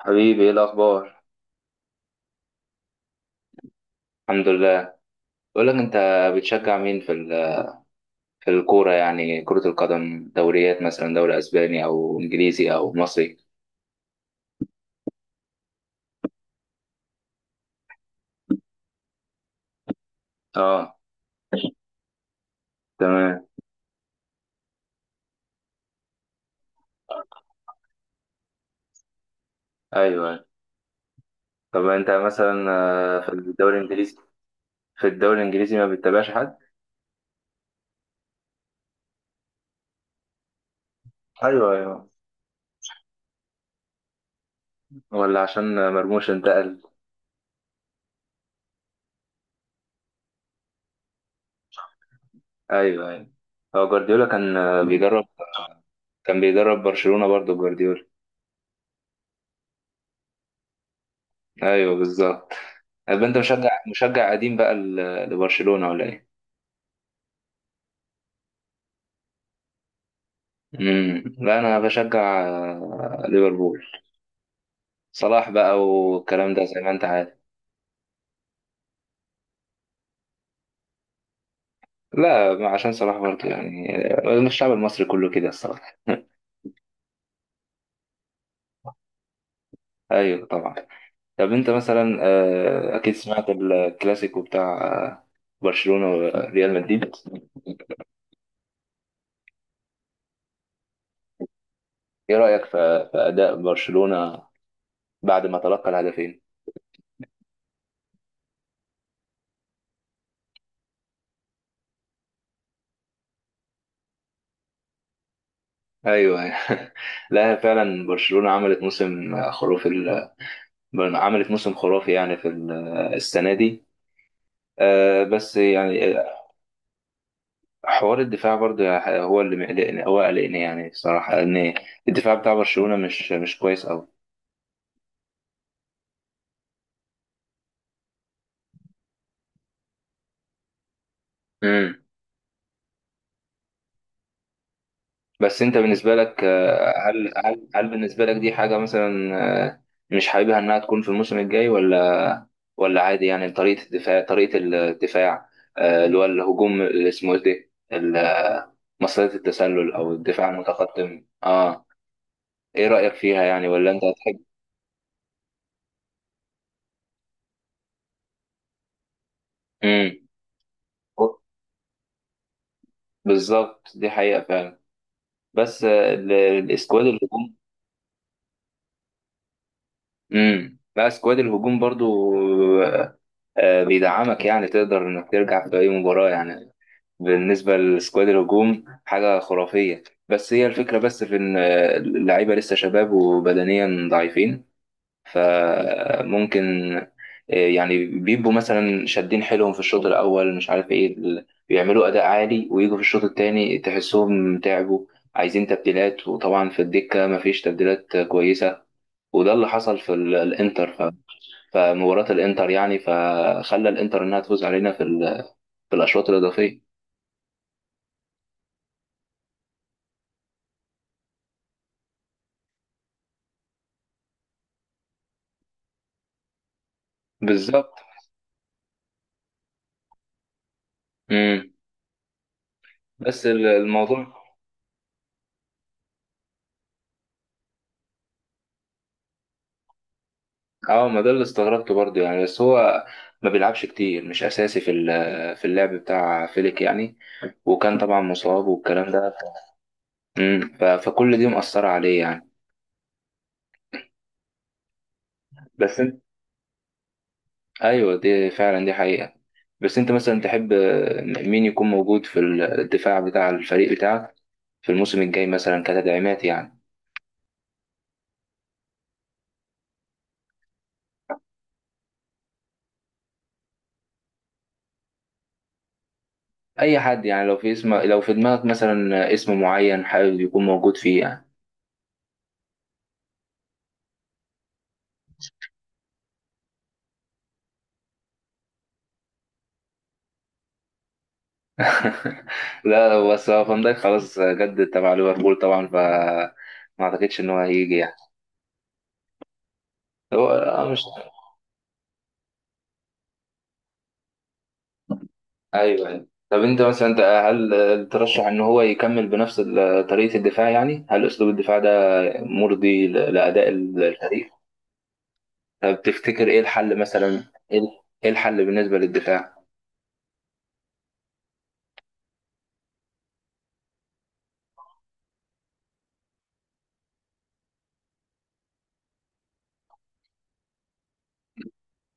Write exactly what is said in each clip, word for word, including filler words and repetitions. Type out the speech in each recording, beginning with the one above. حبيبي، ايه الاخبار؟ الحمد لله. بقول لك، انت بتشجع مين في ال- في الكوره؟ يعني كره القدم، دوريات مثلا، دوري اسباني او انجليزي او مصري. اه، تمام. ايوه. طب انت مثلا، آه، في الدوري الانجليزي، في الدوري الانجليزي ما بتتابعش حد؟ ايوه ايوه. ولا عشان مرموش انتقل؟ ايوه ايوه. هو جوارديولا كان، آه، بيدرب، كان بيدرب برشلونه برضو جوارديولا. ايوه بالظبط. طب انت مشجع مشجع قديم بقى ل- لبرشلونه ولا ايه؟ امم لا انا بشجع، آه، ليفربول. صلاح بقى والكلام ده زي ما انت عارف. لا، ما عشان صلاح برضه يعني، آه، الشعب المصري كله كده الصراحه. ايوه طبعا. طب انت مثلا، آه، اكيد سمعت الكلاسيكو بتاع، آه، برشلونه وريال مدريد. ايه رايك في في اداء برشلونه بعد ما تلقى الهدفين؟ ايوه. لا فعلا، برشلونه عملت موسم خرافي، ال- عملت موسم خرافي يعني في ال- السنه دي. آه، بس يعني حوار الدفاع برضه هو اللي مقلقني، هو قلقني يعني الصراحة، لأن الدفاع بتاع برشلونة مش مش كويس أوي. امم. بس أنت بالنسبة لك، آه، هل هل هل بالنسبة لك دي حاجة مثلا، آه، مش حاببها إنها تكون في الموسم الجاي، ولا ولا عادي؟ يعني طريقة الدفاع، طريقة الدفاع، آه، اللي هو الهجوم اللي اسمه إيه ده، ال- آه، مصيدة التسلل أو الدفاع المتقدم. أه، إيه رأيك فيها يعني؟ ولا أنت هتحب؟ امم. بالظبط، دي حقيقة فعلا. بس آه، ال- الاسكواد الهجوم. امم. لا، اسكواد الهجوم برضو آه، آه، بيدعمك يعني، تقدر انك ترجع في اي مباراة يعني. بالنسبة لسكواد الهجوم، حاجة خرافية. بس هي الفكرة بس في ان، آه، اللعيبة لسه شباب وبدنيا ضعيفين، فممكن آه، يعني بيبقوا مثلا شادين حيلهم في الشوط الاول، مش عارف ايه، ال- بيعملوا اداء عالي، ويجوا في الشوط التاني تحسهم تعبوا، عايزين تبديلات، وطبعا في الدكة مفيش تبديلات كويسة. وده اللي حصل في ال- الانتر، ف... فمباراة الانتر يعني، فخلى الانتر انها تفوز علينا في ال... في الاشواط الاضافية. بالظبط. امم. بس ال- الموضوع. اه، ما ده اللي استغربته برضه يعني، بس هو ما بيلعبش كتير، مش اساسي في ال- في اللعب بتاع فيليك يعني، وكان طبعا مصاب والكلام ده. امم. ف... فكل دي مأثرة عليه يعني. بس انت، ايوه دي فعلا، دي حقيقة. بس انت مثلا تحب مين يكون موجود في الدفاع بتاع الفريق بتاعك في الموسم الجاي مثلا، كتدعيمات يعني؟ اي حد يعني، لو في اسم، لو في دماغك مثلا اسم معين حابب يكون موجود فيه يعني. لا، بس هو فان دايك خلاص جدد تبع ليفربول طبعا، ف ما اعتقدش ان هو هيجي يعني. هو آه، مش. ايوه أيوة. طب انت مثلا، انت هل ترشح ان هو يكمل بنفس ال- طريقة الدفاع؟ يعني هل اسلوب الدفاع ده مرضي ل- لاداء ال- الفريق؟ طب تفتكر ايه الحل مثلا؟ ايه، إيه الحل بالنسبة للدفاع؟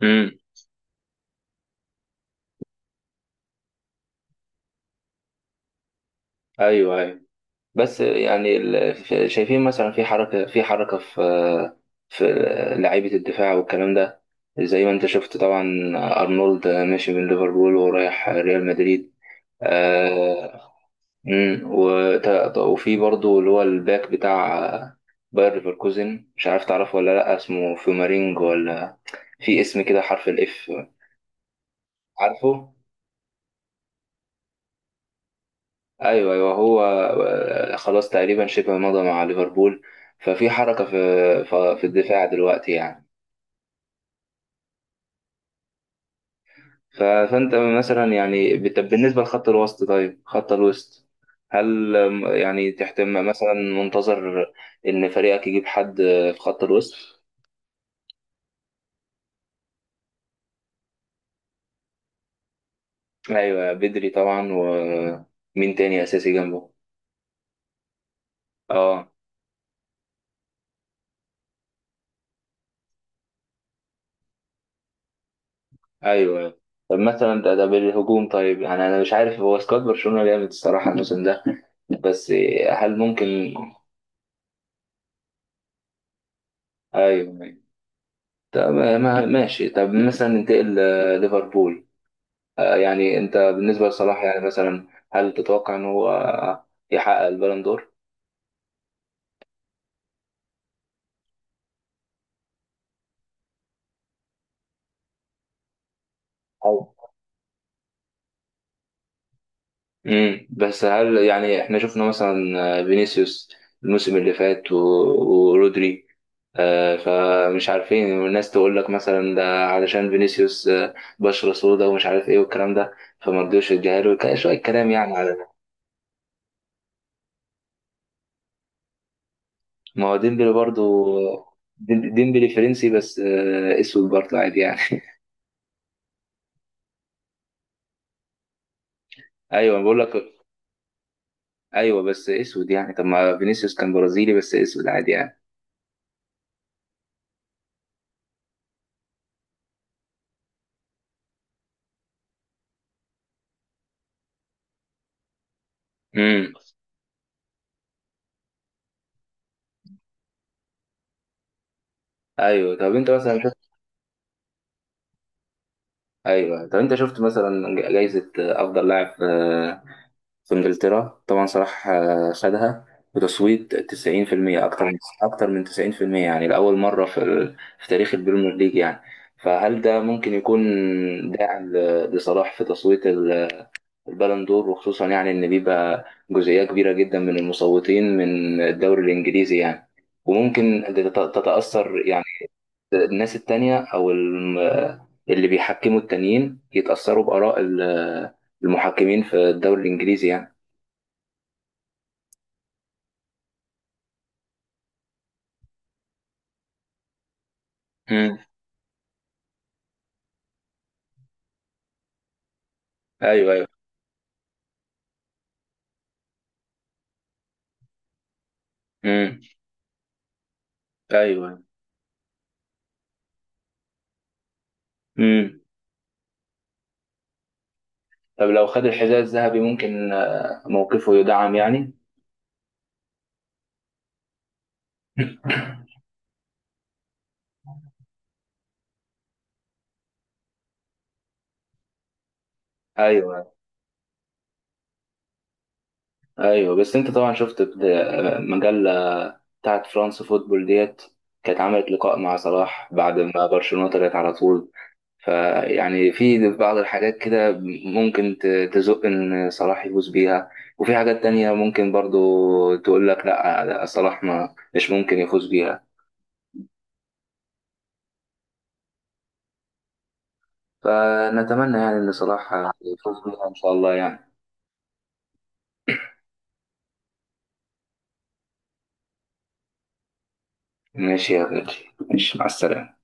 امم. ايوه ايوه. بس يعني ال- ف- شايفين مثلا في حركة، في حركة في في لعيبة الدفاع والكلام ده، زي ما انت شفت طبعا، أرنولد ماشي من ليفربول ورايح ريال مدريد. آه. مم، وت- وفي برضو اللي هو الباك بتاع باير ليفركوزن، مش عارف تعرفه ولا لأ، اسمه فيومارينج ولا في اسم كده حرف الإف، عارفه؟ ايوه ايوه. هو، آه، خلاص تقريبا شبه مضى مع ليفربول، ففي حركه في ف- في الدفاع دلوقتي يعني. ف- فانت مثلا يعني، بت- بالنسبه لخط الوسط، طيب خط الوسط، هل آم، يعني تحتم مثلا منتظر ان فريقك يجيب حد، آه، في خط الوسط؟ ايوه بدري طبعا. ومين تاني اساسي جنبه؟ اه. ايوه. طب مثلا، ده ده بالهجوم طيب، يعني انا مش عارف، هو سكواد برشلونه جامد الصراحه الموسم ده، بس هل ممكن؟ ايوه ايوه. طب ما- ماشي، طب مثلا ننتقل ليفربول. آه، يعني انت بالنسبه لصلاح، يعني مثلا هل تتوقع ان هو، آه، يحقق البالون دور؟ أو، امم، بس هل يعني احنا شفنا مثلا، آه، فينيسيوس الموسم اللي فات، و- ورودري، آه، فمش عارفين، والناس تقول لك مثلا ده علشان فينيسيوس، آه، بشرة سودا ومش عارف ايه والكلام ده، فما رضيوش يديها له، ك- شوية كلام يعني. ما هو ديمبلي برضو، ديم- ديمبلي فرنسي بس، آه، اسود برضو عادي يعني. ايوه بقول لك، ايوه بس اسود يعني. طب ما فينيسيوس كان برازيلي بس اسود عادي يعني. امم. ايوه. طب انت مثلا شفت، ايوه طب انت شفت مثلا جائزة افضل لاعب، آه، في انجلترا، طبعا صلاح، آه، خدها بتصويت تسعين في المية، اكتر من اكتر من تسعين في المية، يعني لاول مرة في ال- في تاريخ البريمير ليج يعني. فهل ده ممكن يكون داعم ل- لصلاح في تصويت البالون دور؟ وخصوصا يعني ان بيبقى جزئيه كبيره جدا من المصوتين من الدوري الانجليزي يعني، وممكن تت- تتاثر يعني الناس التانية، او الم- اللي بيحكموا التانيين يتاثروا باراء ال- المحكمين في الدوري الانجليزي يعني. امم. ايوه ايوه. امم. ايوه. امم. طب لو خد الحذاء الذهبي، ممكن آه، موقفه يدعم يعني. ايوه ايوه. بس انت طبعا شفت بد- مجله بتاعت فرنسا فوتبول ديت، كانت عملت لقاء مع صلاح بعد ما برشلونة طلعت على طول. فيعني في بعض الحاجات كده ممكن ت- تزق ان صلاح يفوز بيها، وفي حاجات تانية ممكن برضو تقول لك لا لا، صلاح ما مش ممكن يفوز بيها. فنتمنى يعني ان صلاح يفوز بيها ان شاء الله يعني. ماشي يا غالي، ماشي مع السلامة.